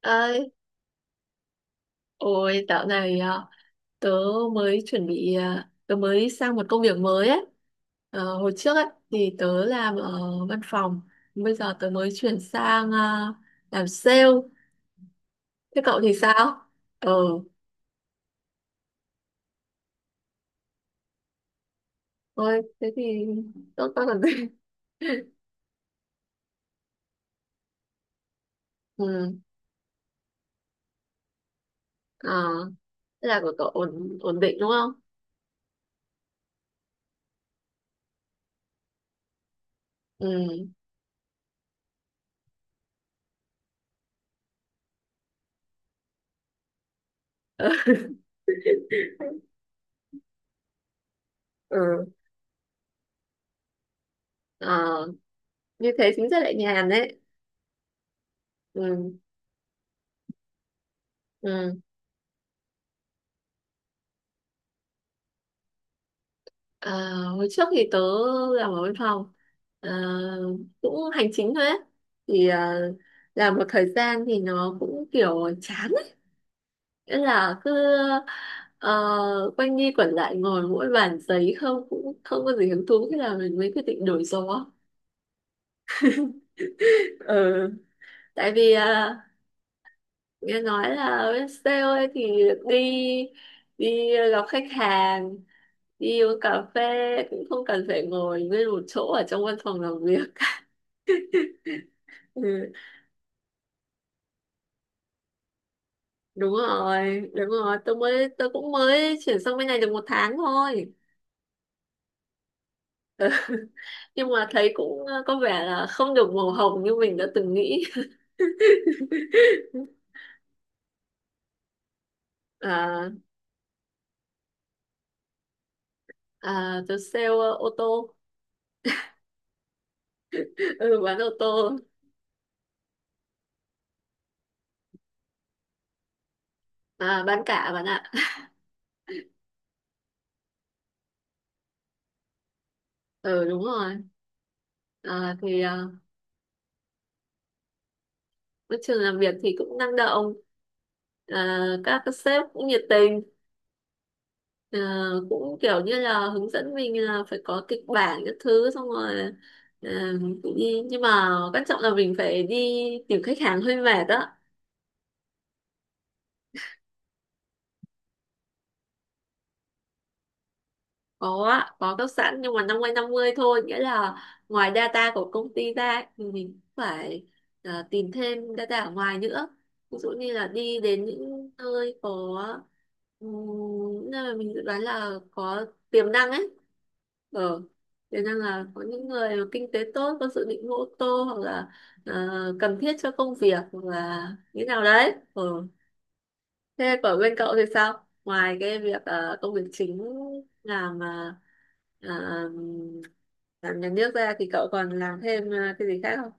Ơi. Ôi, dạo này tớ mới chuẩn bị à, tớ mới sang một công việc mới ấy. Ờ, hồi trước ấy thì tớ làm ở văn phòng. Bây giờ tớ mới chuyển sang làm sale. Thế cậu thì sao? ờ Thôi thế thì tốt tốt còn gì. Ừ, ờ, thế là của cậu ổn ổn định đúng không? Ừ. Ừ, ờ, như thế chính ra lại nhàn đấy. Ừ. Ừ. Ờ, hồi trước thì tớ làm ở văn phòng. Ờ, cũng hành chính thôi ấy. Thì làm một thời gian thì nó cũng kiểu chán ấy. Nghĩa là cứ ờ, quanh đi quẩn lại ngồi mỗi bàn giấy không, cũng không có gì hứng thú, thế là mình mới quyết định đổi gió. Ừ. Tại vì nghe nói là bên sale ấy thì đi, đi gặp khách hàng, đi uống cà phê, cũng không cần phải ngồi nguyên một chỗ ở trong văn phòng làm việc. Ừ. Đúng rồi, đúng rồi, tôi cũng mới chuyển sang bên này được một tháng thôi, nhưng mà thấy cũng có vẻ là không được màu hồng như mình đã từng nghĩ. À, à, tôi sale ô tô. Ừ, bán ô tô à. Bán cả bạn ạ. Ừ, đúng rồi. À, thì môi trường làm việc thì cũng năng động, à, các sếp cũng nhiệt tình. Ờ, cũng kiểu như là hướng dẫn mình là phải có kịch bản các thứ, xong rồi ờ, cũng đi, nhưng mà quan trọng là mình phải đi tìm khách hàng, hơi mệt đó. Có á, có cấp sẵn, nhưng mà 50-50 thôi, nghĩa là ngoài data của công ty ra thì mình cũng phải tìm thêm data ở ngoài nữa. Ví dụ như là đi đến những nơi có ừm, những nơi mà mình dự đoán là có tiềm năng ấy. Ờ, tiềm năng là có những người mà kinh tế tốt, có dự định mua ô tô hoặc là ờ, cần thiết cho công việc, hoặc là như nào đấy ờ. Thế của bên cậu thì sao? Ngoài cái việc công việc chính, làm ờ, làm nhà nước ra thì cậu còn làm thêm cái gì khác không?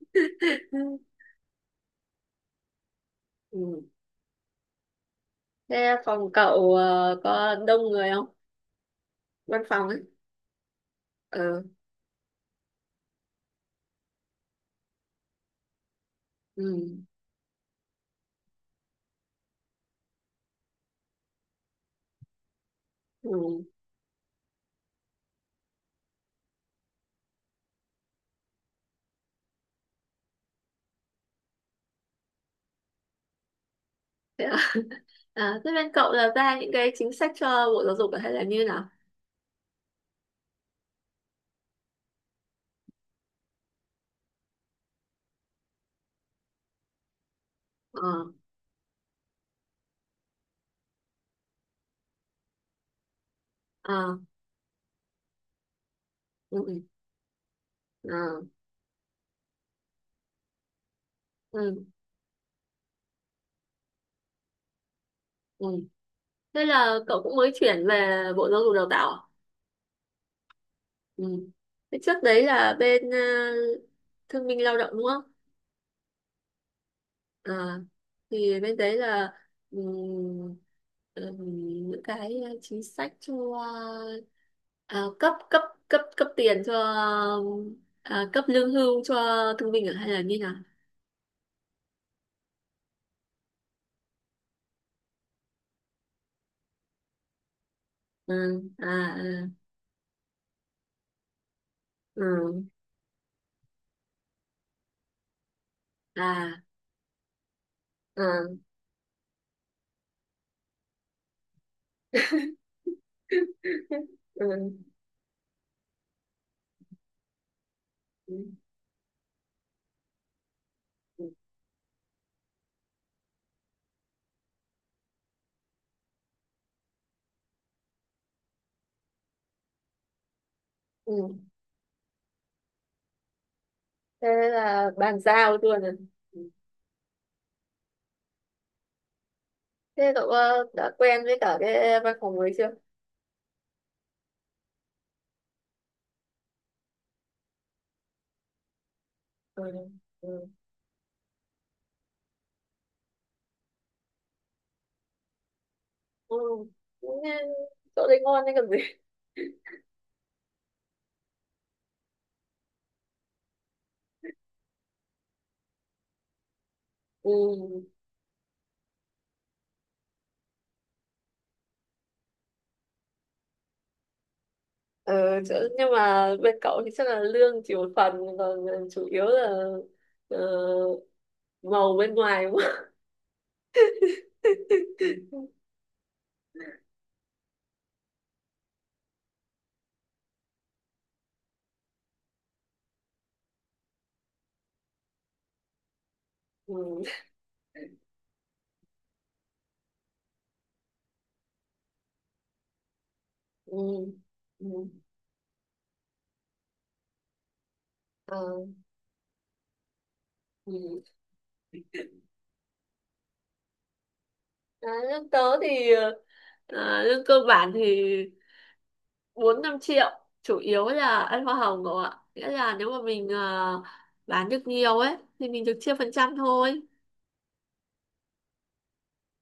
Ừ. Thế phòng cậu có đông người không? Văn phòng ấy. Ừ. Ừ. Ừ. Thế, à? À, thế bên cậu là ra những cái chính sách cho Bộ Giáo dục hay là như nào? Ờ. Ờ. Ừ. Ừ. Ờ. Ừ. Ừ. Thế là cậu cũng mới chuyển về Bộ Giáo dục Đào tạo à? Ừ. Thế trước đấy là bên thương binh lao động đúng không? À, thì bên đấy là ừm, những cái chính sách cho cấp cấp cấp cấp tiền cho, à, cấp lương hưu cho thương binh ở, hay là như nào? Ừ, à, ừ, ừ, à, ừ. Ừ. Ừ. Ừ. Thế là bàn giao luôn à? Thế cậu đã quen với cả cái văn phòng mới chưa? Ừ. Ừ. Ừ. Cũng, ờ, chỗ đấy ngon đấy còn gì. Ừ. Nhưng mà bên cậu thì chắc là lương chỉ một phần, còn chủ yếu là ờ, màu bên ngoài đúng không? Ừ. Ừ. Ừ. Ờ, ừ. À, lương tớ thì lương cơ bản thì 4-5 triệu, chủ yếu là ăn hoa hồng cậu ạ, nghĩa là nếu mà mình bán được nhiều ấy thì mình được chia phần trăm thôi.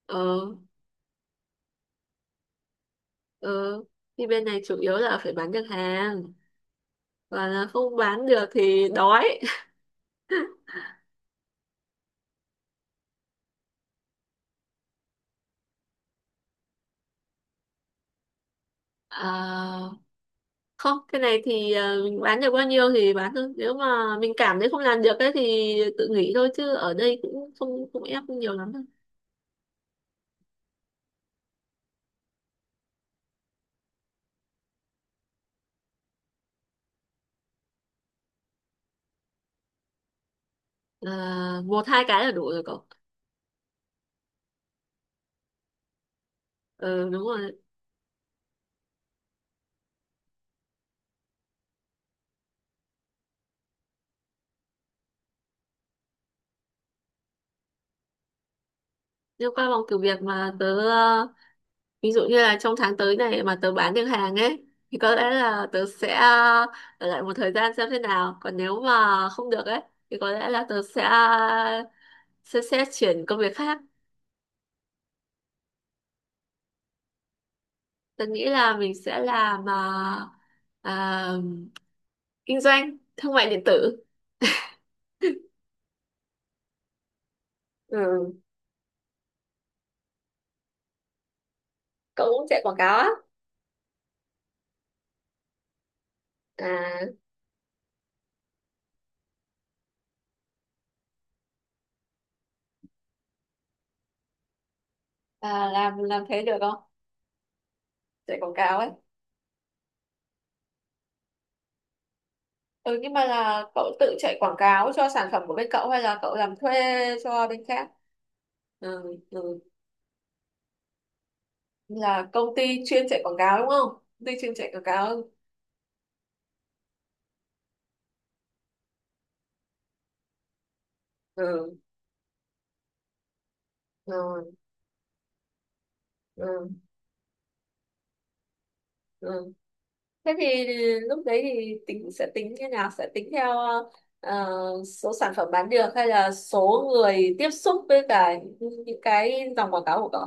Ờ. Ờ, thì bên này chủ yếu là phải bán được hàng, và là không bán được thì đói. Ờ, không, cái này thì mình bán được bao nhiêu thì bán thôi, nếu mà mình cảm thấy không làm được ấy thì tự nghỉ thôi, chứ ở đây cũng không không ép nhiều lắm đâu. Ờ, một hai cái là đủ rồi cậu. Ừ, đúng rồi. Liên qua vòng thử việc mà tớ ví dụ như là trong tháng tới này mà tớ bán được hàng ấy thì có lẽ là tớ sẽ ở lại một thời gian xem thế nào. Còn nếu mà không được ấy thì có lẽ là tớ sẽ sẽ chuyển công việc khác. Tớ nghĩ là mình sẽ làm à, kinh doanh thương mại điện tử. Ừ. Cậu cũng chạy quảng cáo á? À, làm thế được không? Chạy quảng cáo ấy. Ừ, nhưng mà là cậu tự chạy quảng cáo cho sản phẩm của bên cậu hay là cậu làm thuê cho bên khác? Ừ. Ừ. Là công ty chuyên chạy quảng cáo đúng không? Công ty chuyên chạy quảng cáo. Ừ, ừ, ừ, ừ. Thế thì lúc đấy thì tính sẽ tính như nào? Sẽ tính theo ờ, số sản phẩm bán được hay là số người tiếp xúc với cả những cái dòng quảng cáo của cậu?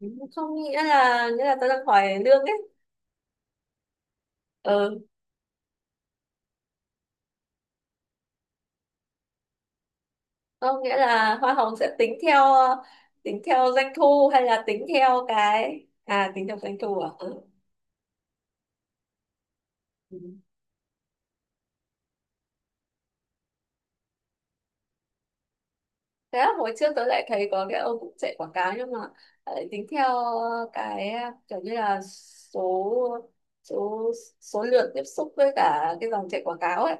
Ừ. Không, nghĩa là nghĩa là tôi đang hỏi lương ấy. Ừ, không, nghĩa là hoa hồng sẽ tính theo, tính theo doanh thu, hay là tính theo cái à tính theo doanh thu à? Ừ. Thế là hồi trước tôi lại thấy có cái ông cũng chạy quảng cáo nhưng mà lại tính theo cái kiểu như là số số số lượng tiếp xúc với cả cái dòng chạy quảng cáo ấy,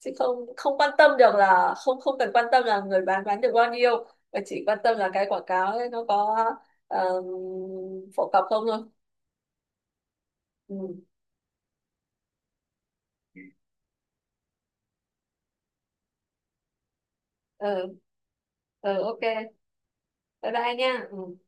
chứ không không quan tâm được, là không không cần quan tâm là người bán được bao nhiêu, mà chỉ quan tâm là cái quảng cáo ấy nó có um, phổ cập không thôi. Ừ. Ừ. Ừ. Ok. Bye bye nha. Ừ.